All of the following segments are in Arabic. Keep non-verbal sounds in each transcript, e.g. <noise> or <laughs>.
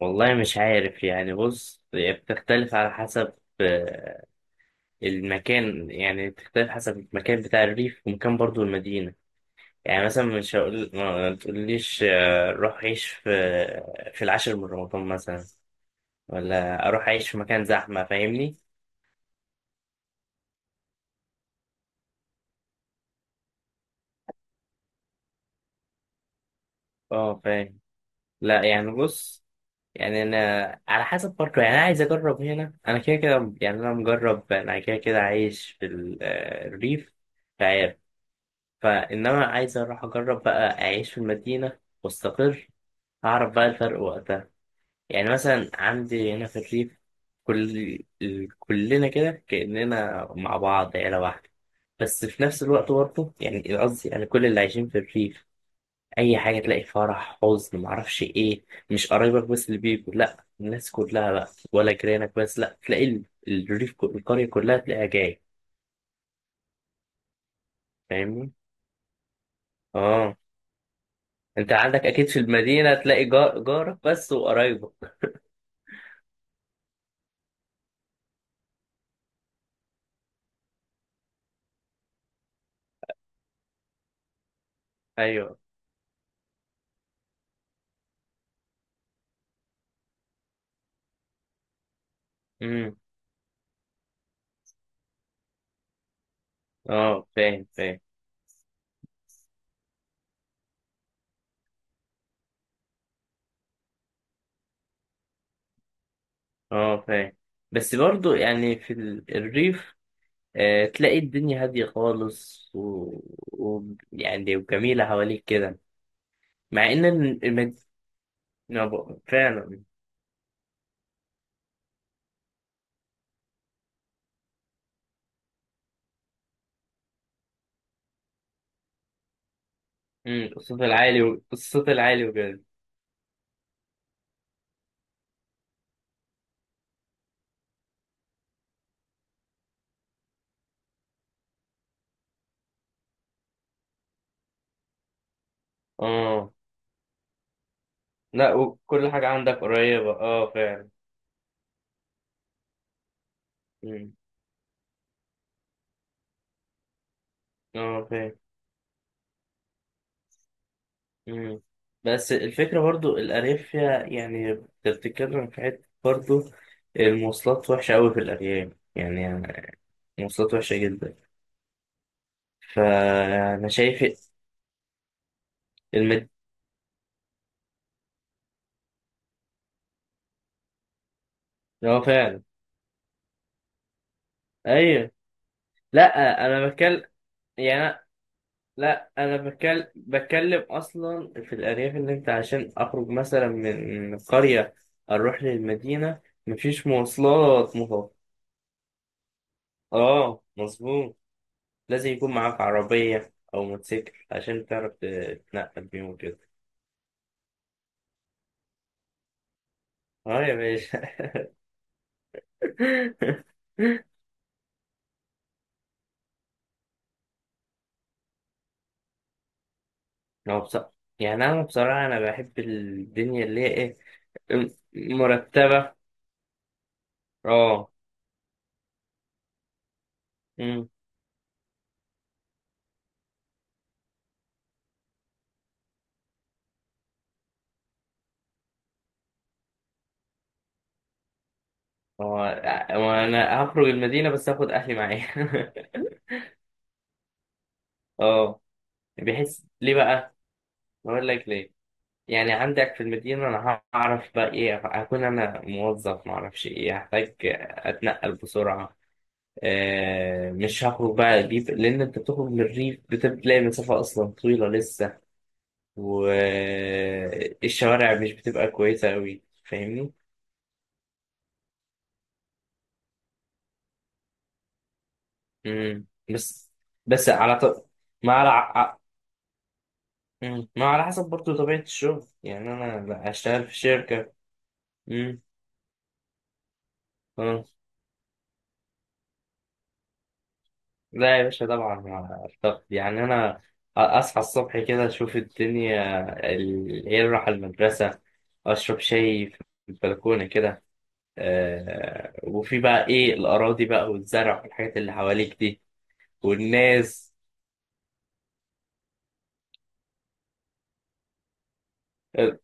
والله مش عارف، يعني بص، هي بتختلف على حسب آه، المكان يعني بتختلف حسب المكان بتاع الريف، ومكان برضو المدينة. يعني مثلا مش هقول ما تقوليش روح عيش في العاشر من رمضان مثلا، ولا أروح أعيش في مكان زحمة. فاهمني؟ اه، فاهم. لا، يعني بص، يعني أنا على حسب، برضه يعني أنا عايز أجرب. هنا أنا كده كده، يعني أنا مجرب، أنا كده كده عايش في الريف فإنما عايز أروح أجرب بقى أعيش في المدينة وأستقر، أعرف بقى الفرق وقتها. يعني مثلا عندي هنا في الريف، كل كلنا كده كأننا مع بعض عيلة واحدة. بس في نفس الوقت برضه، يعني قصدي، يعني كل اللي عايشين في الريف، أي حاجة تلاقي فرح حزن معرفش إيه، مش قرايبك بس اللي بيجوا، لأ، الناس كلها بقى، ولا جيرانك بس، لأ، تلاقي الريف القرية كلها تلاقيها جاية. فاهمني؟ آه. انت عندك اكيد في المدينه تلاقي جار جارك بس وقرايبك. ايوه. امم. اه، فاهم فاهم. اه، فاهم. بس برضو يعني في الريف تلاقي الدنيا هاديه خالص، و يعني وجميله حواليك كده، مع فعلا الصوت العالي وكده. اه، لا، وكل حاجه عندك قريبه. اه، فعلا. امم. اه، فاهم. مم. بس الفكرة برضو الأرياف فيها، يعني بتتكلم في حتة برضو، المواصلات وحشة أوي في الأرياف يعني. المواصلات وحشة جدا. فأنا شايف المد هو فعلا. أيوة. لأ، أنا بتكلم، يعني أنا- لأ أنا بتكلم أصلا في الأرياف، إن أنت عشان أخرج مثلا من القرية أروح للمدينة، مفيش مواصلات مفضلة. آه، مظبوط. لازم يكون معاك عربية أو موتوسيكل عشان تعرف تتنقل بيهم وكده. اه، يا باشا. <laughs> هو بص، يعني أنا بصراحة أنا بحب الدنيا اللي هي إيه، م- مرتبة. اه. أمم. هو هو أنا هخرج المدينة بس هاخد أهلي معايا. <laughs> اه. بحس ليه بقى؟ أقول لك ليه. يعني عندك في المدينة، أنا هعرف بقى إيه، هكون أنا موظف معرفش إيه، هحتاج أتنقل بسرعة. مش هخرج بقى الريف، لأن أنت بتخرج للريف بتلاقي مسافة أصلا طويلة لسه، والشوارع مش بتبقى كويسة أوي. فاهمني؟ مم. بس بس على ط... ما على ع- مم. ما على حسب برضه طبيعة الشغل. يعني أنا أشتغل في شركة. مم. آه. لا يا باشا، طبعا، مع الضغط يعني، أنا أصحى الصبح كده أشوف الدنيا، ال- إيه أروح المدرسة، أشرب شاي في البلكونة كده. وفي بقى ايه، الاراضي بقى والزرع والحاجات اللي حواليك دي، والناس. اه.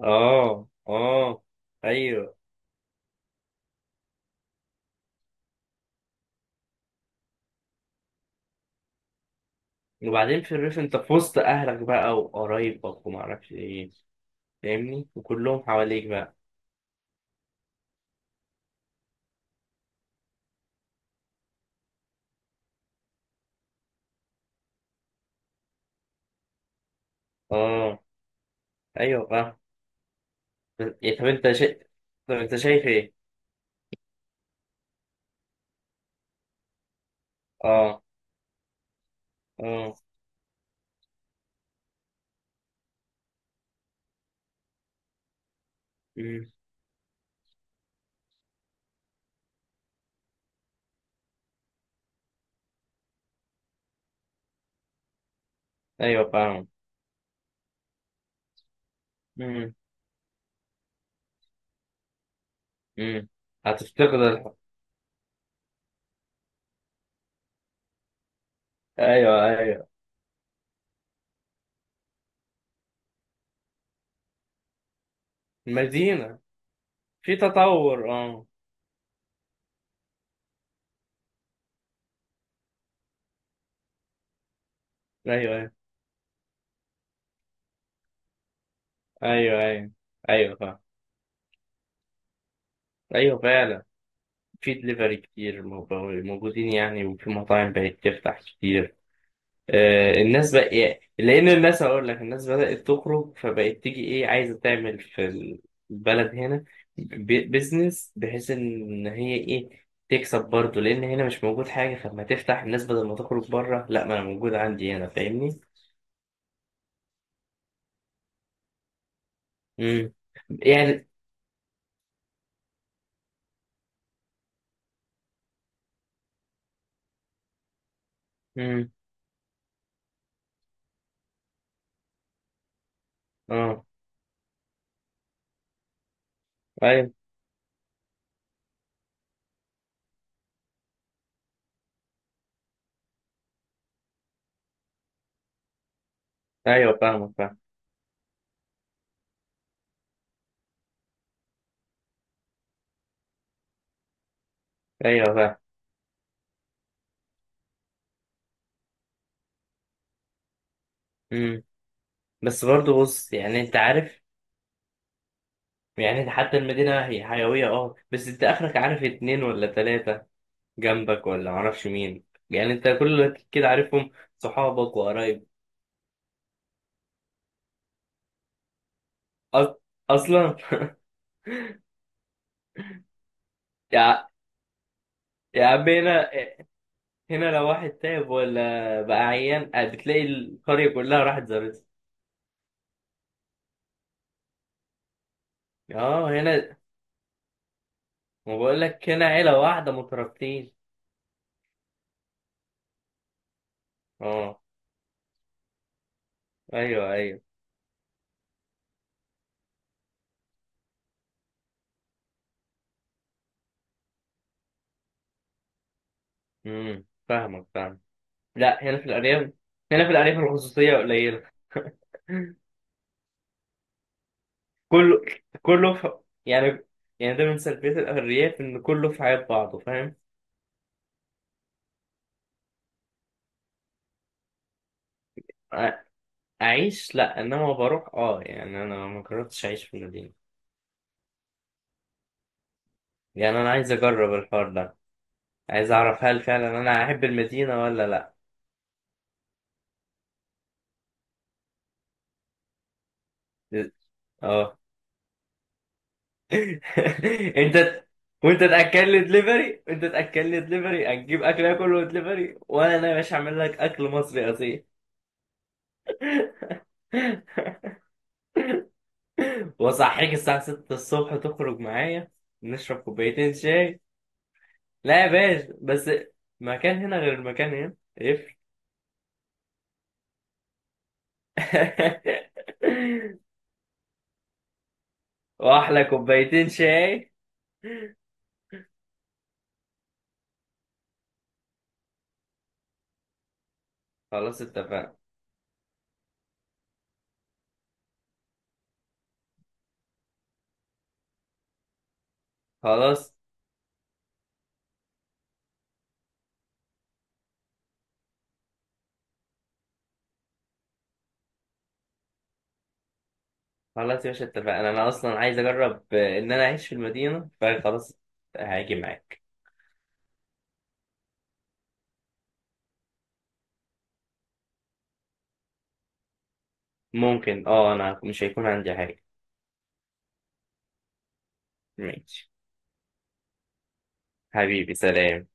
اه. آه. ايوه. وبعدين في الريف انت في وسط اهلك بقى وقرايبك وما اعرفش ايه، فاهمني، وكلهم حواليك بقى. اه، ايوه فاهم. بس- إيه، طب انت شا... طب انت شايف ايه؟ اه. اه. أمم. ايوه فاهم. أمم. أمم. هتفتقد الح- ايوه ايوه. مدينة في تطور، اه. ايوه ايوه ايوه ايوه. ايوه فاهم. ايوه فعلا. في دليفري كتير موجودين يعني، وفي مطاعم بقت تفتح كتير. الناس بقى يعني، لان الناس هقول لك الناس بدأت تخرج، فبقت تيجي ايه عايزه تعمل في البلد هنا بيزنس، بحيث ان هي ايه تكسب برضه، لان هنا مش موجود حاجه، فلما تفتح الناس بدل ما تخرج بره، لا، ما انا موجود عندي هنا. فاهمني؟ امم. يعني. امم. اه، ايوه ايوه فاهمك فاهم. ايوه فاهم. امم. بس برضه بص، يعني انت عارف، يعني حتى المدينة هي حيوية، بس انت اخرك عارف اتنين ولا تلاتة جنبك، ولا معرفش مين. يعني انت كل اللي كده عارفهم صحابك وقرايب. أص... اصلا. <laughs> يا يا عم هنا لو واحد تعب ولا بقى عيان، بتلاقي القرية كلها راحت زارتها. اه، هنا. ما بقول لك هنا عيلة واحدة مترابطين. اه، ايوه ايوه. امم، فاهمك فاهم. لا، هنا في الأرياف، الخصوصية قليلة. <laughs> كله كله في يعني يعني ده من سلبيات الأرياف، إن كله في حياة بعضه. فاهم؟ أ- أعيش لأ، إنما بروح. يعني أنا ما جربتش أعيش في المدينة. يعني أنا عايز أجرب الحوار ده، عايز أعرف هل فعلا أنا أحب المدينة ولا لأ. أه. <laughs> أنت وأنت تأكل لي دليفري، هتجيب أكل آكله دليفري، وأنا يا باشا أعمل لك أكل مصري أصيل. <laughs> وأصحيك الساعة 6 الصبح تخرج معايا، نشرب كوبايتين شاي. لا يا باشا، بس مكان هنا غير المكان هنا يفرق. <laughs> واحلى كوبايتين شاي. خلاص، اتفقنا. خلاص خلاص يا باشا، اتفقنا. انا اصلا عايز اجرب ان انا اعيش في المدينه، فخلاص هاجي معاك. ممكن، اه، انا مش هيكون عندي حاجه. ماشي. حبيبي، سلام.